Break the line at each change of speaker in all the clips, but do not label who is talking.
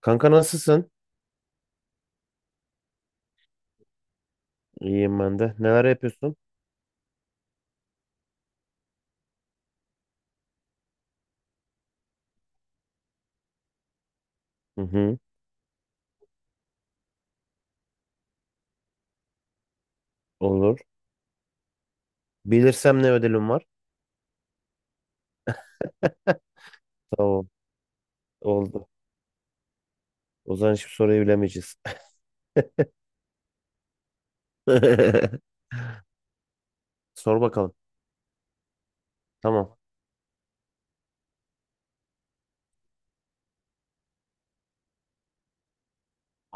Kanka nasılsın? İyiyim ben de. Neler yapıyorsun? Hı hı, olur. Bilirsem ne ödülüm var? Tamam, oldu. O zaman hiçbir soruyu bilemeyeceğiz. Sor bakalım. Tamam.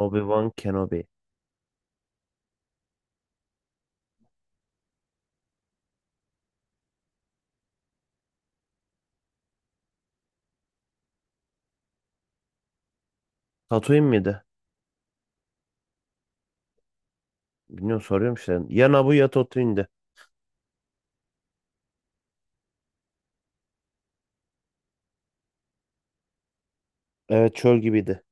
Obi-Wan Kenobi. Tatooine miydi? Bilmiyorum, soruyorum işte. Ya Naboo ya Tatooine'di. Evet, çöl gibiydi.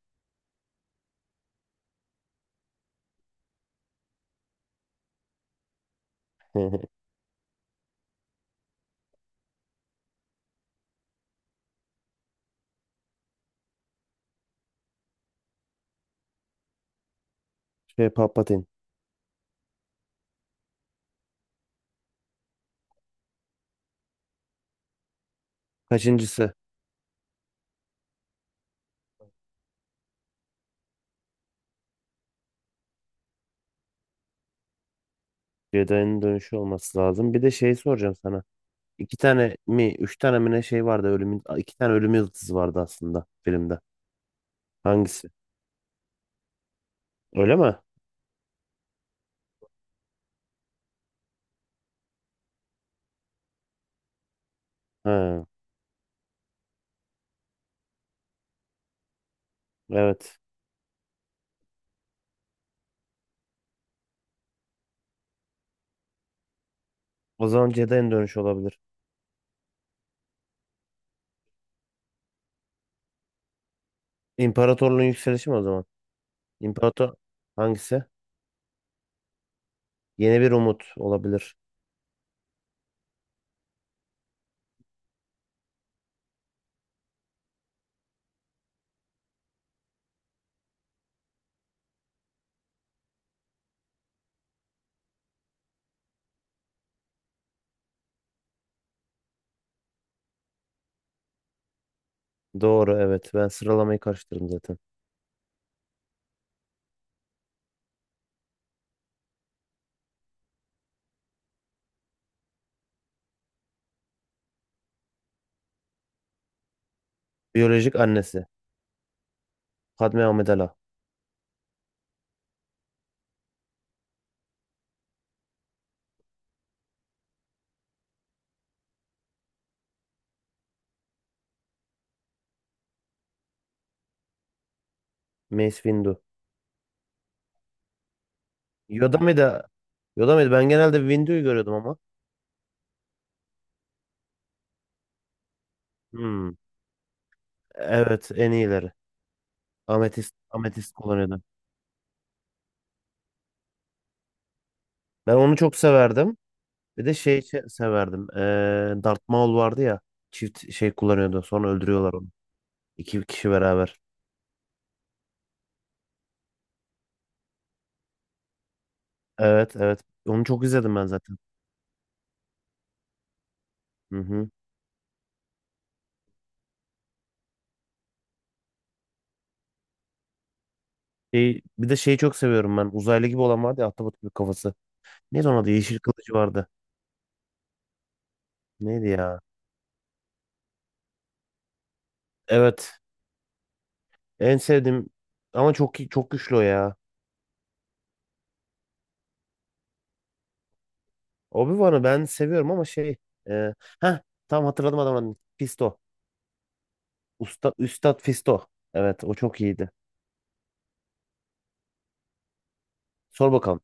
Şey Palpatine. Kaçıncısı? Jedi'nin dönüşü olması lazım. Bir de şey soracağım sana. İki tane mi, üç tane mi ne şey vardı ölümün, iki tane ölüm yıldızı vardı aslında filmde. Hangisi? Öyle mi? Ha. Evet. O zaman Jedi'nin dönüşü olabilir. İmparatorluğun yükselişi mi o zaman? İmparator hangisi? Yeni bir umut olabilir. Doğru, evet. Ben sıralamayı karıştırdım zaten. Biyolojik annesi. Padme Amidala. Mace Windu. Yoda mıydı? Yoda mıydı? Ben genelde Windu'yu görüyordum ama. Hmm. Evet, en iyileri. Ametist, ametist kullanıyordu. Ben onu çok severdim. Bir de şey severdim. Darth Maul vardı ya. Çift şey kullanıyordu. Sonra öldürüyorlar onu. İki kişi beraber. Evet, evet. Onu çok izledim ben zaten. Hı hı. Şey, bir de şeyi çok seviyorum ben. Uzaylı gibi olan vardı ya, ahtapot gibi kafası. Neydi onun adı? Yeşil kılıcı vardı. Neydi ya? Evet. En sevdiğim ama çok çok güçlü o ya. Obi-Wan'ı ben seviyorum ama şey e, heh, tam hatırladım adamın adını. Fisto. Usta, Üstad Fisto. Evet, o çok iyiydi. Sor bakalım.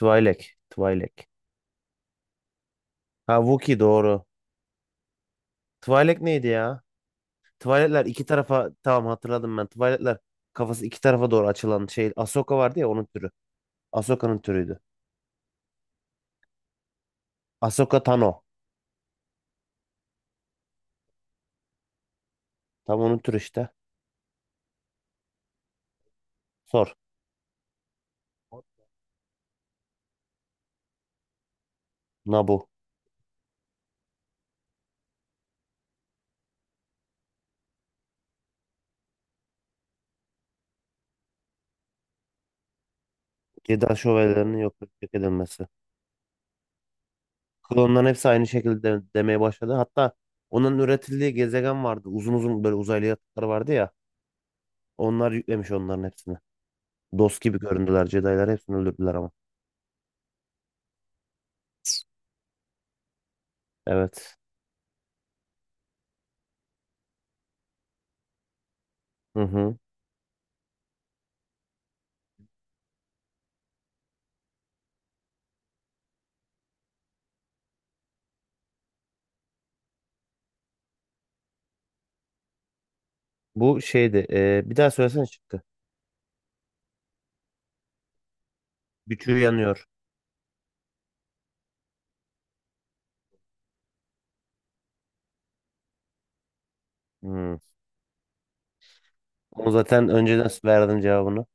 Twi'lek. Twi'lek. Ha Wookiee doğru. Twi'lek neydi ya? Tuvaletler iki tarafa, tamam hatırladım ben. Tuvaletler kafası iki tarafa doğru açılan şey. Ahsoka vardı ya, onun türü. Ahsoka'nın türüydü. Ahsoka Tano. Tam onun türü işte. Sor. Nabu. Jedi şövalyelerinin yok edilmesi. Klonların hepsi aynı şekilde demeye başladı. Hatta onların üretildiği gezegen vardı. Uzun uzun böyle uzaylı yatakları vardı ya. Onlar yüklemiş onların hepsini. Dost gibi göründüler. Jedi'lar hepsini öldürdüler ama. Evet. Hı hı. Bu şeydi. Bir daha söylesene, çıktı. Gücü yanıyor. Hı. Onu zaten önceden verdim cevabını.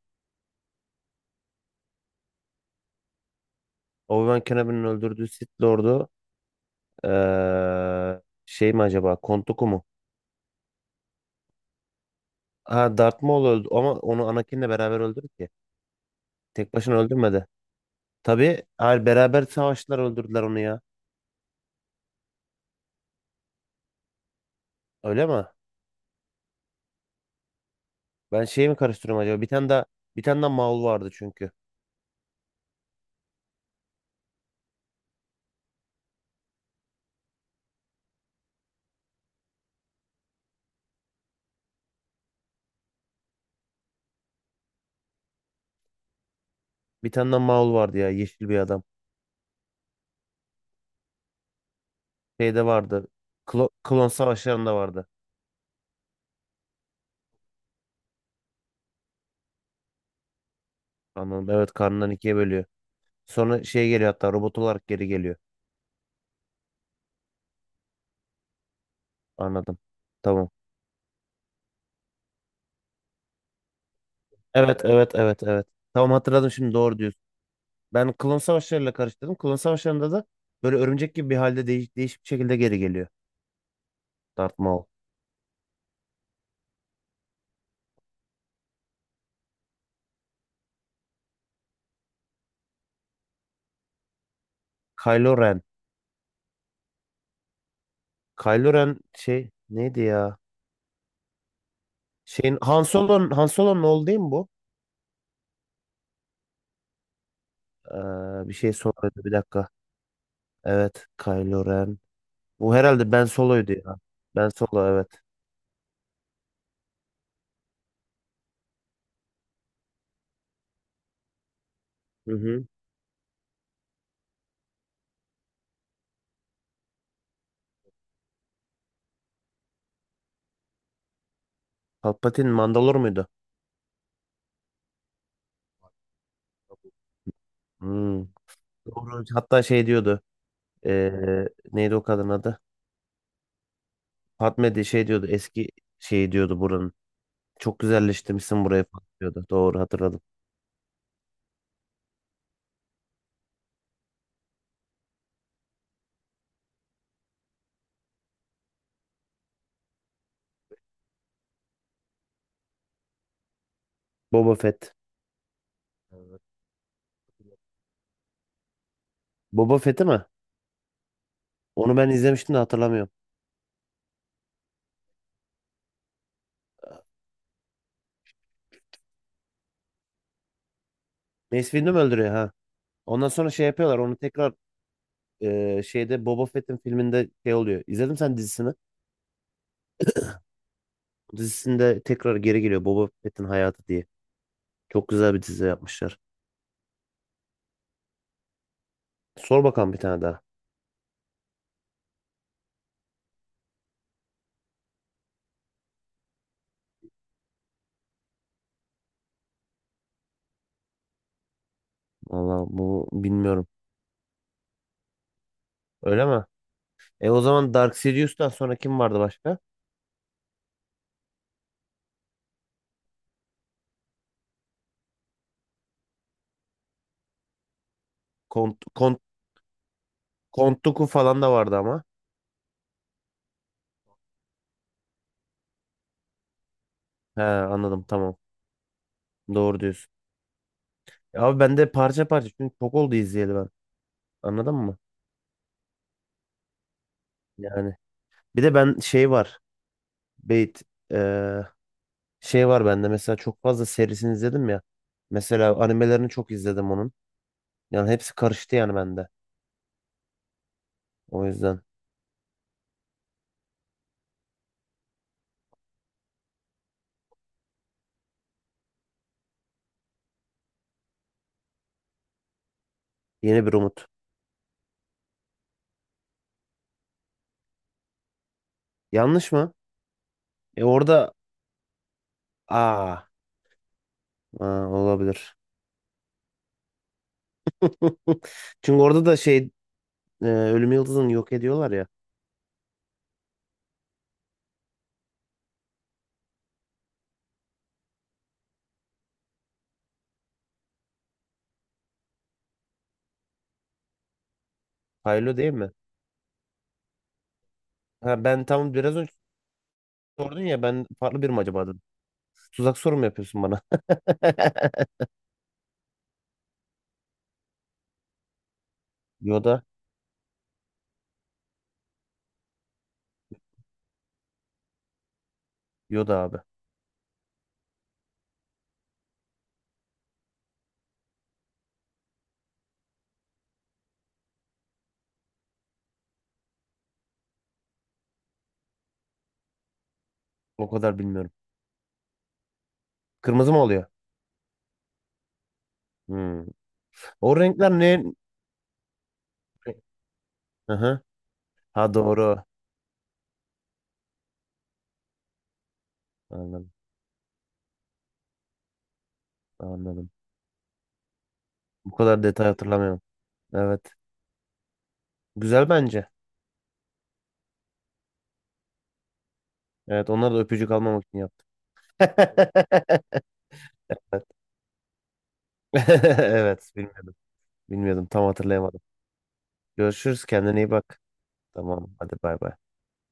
Obi-Wan Kenobi'nin öldürdüğü Sith Lord'u şey mi acaba? Kontuku mu? Ha, Darth Maul öldü ama onu Anakin'le beraber öldürdü ki. Tek başına öldürmedi. Tabii hayır, beraber savaştılar, öldürdüler onu ya. Öyle mi? Ben şeyi mi karıştırıyorum acaba? Bir tane daha Maul vardı çünkü. Bir tane daha Maul vardı ya, yeşil bir adam. Şeyde vardı. Klon savaşlarında vardı. Anladım. Evet, karnından ikiye bölüyor. Sonra şey geliyor, hatta robot olarak geri geliyor. Anladım. Tamam. Evet, evet, evet, evet. Tamam, hatırladım şimdi, doğru diyorsun. Ben klon savaşlarıyla karıştırdım. Klon savaşlarında da böyle örümcek gibi bir halde değişik bir şekilde geri geliyor Darth Maul. Kylo Ren. Kylo Ren şey neydi ya? Şeyin Han Solo'nun oğlu değil mi bu? Bir şey soruyordu, bir dakika. Evet, Kylo Ren. Bu herhalde Ben Solo'ydu ya. Ben Solo evet. Hı hı. Palpatine Mandalor muydu? Hmm. Doğru. Hatta şey diyordu. ee, Neydi o kadın adı? Fatme de şey diyordu, eski şey diyordu buranın. Çok güzelleştirmişsin burayı falan diyordu. Doğru, hatırladım. Boba Fett. Evet. Boba Fett'i mi? Onu ben izlemiştim de hatırlamıyorum. Mace Windu mu öldürüyor ha? Ondan sonra şey yapıyorlar onu tekrar, şeyde Boba Fett'in filminde şey oluyor. İzledin sen dizisini? Dizisinde tekrar geri geliyor, Boba Fett'in hayatı diye. Çok güzel bir dizi yapmışlar. Sor bakalım bir tane daha. Valla bu bilmiyorum. Öyle mi? E o zaman Dark Sidious'tan sonra kim vardı başka? Kont, Kont, Count Dooku falan da vardı ama. He, anladım, tamam. Doğru diyorsun. Ya abi ben de parça parça, çünkü çok oldu izleyeli ben. Anladın mı? Yani bir de ben şey var. Beyt eee, şey var bende, mesela çok fazla serisini izledim ya. Mesela animelerini çok izledim onun. Yani hepsi karıştı yani bende. O yüzden yeni bir umut. Yanlış mı? E orada aa, olabilir. Çünkü orada da şey, Ölüm Yıldızı'nı yok ediyorlar ya. Haylo değil mi? Ha, ben tam biraz önce sordun ya, ben farklı bir mi acaba. Tuzak soru mu yapıyorsun bana? Yoda. Yoda abi. O kadar bilmiyorum. Kırmızı mı oluyor? Hmm. O renkler ne? Aha. Ha doğru. Anladım. Anladım. Bu kadar detay hatırlamıyorum. Evet. Güzel bence. Evet, onlar da öpücük almamak için yaptı. Evet. Evet, bilmiyordum. Bilmiyordum, tam hatırlayamadım. Görüşürüz, kendine iyi bak. Tamam hadi, bay bay.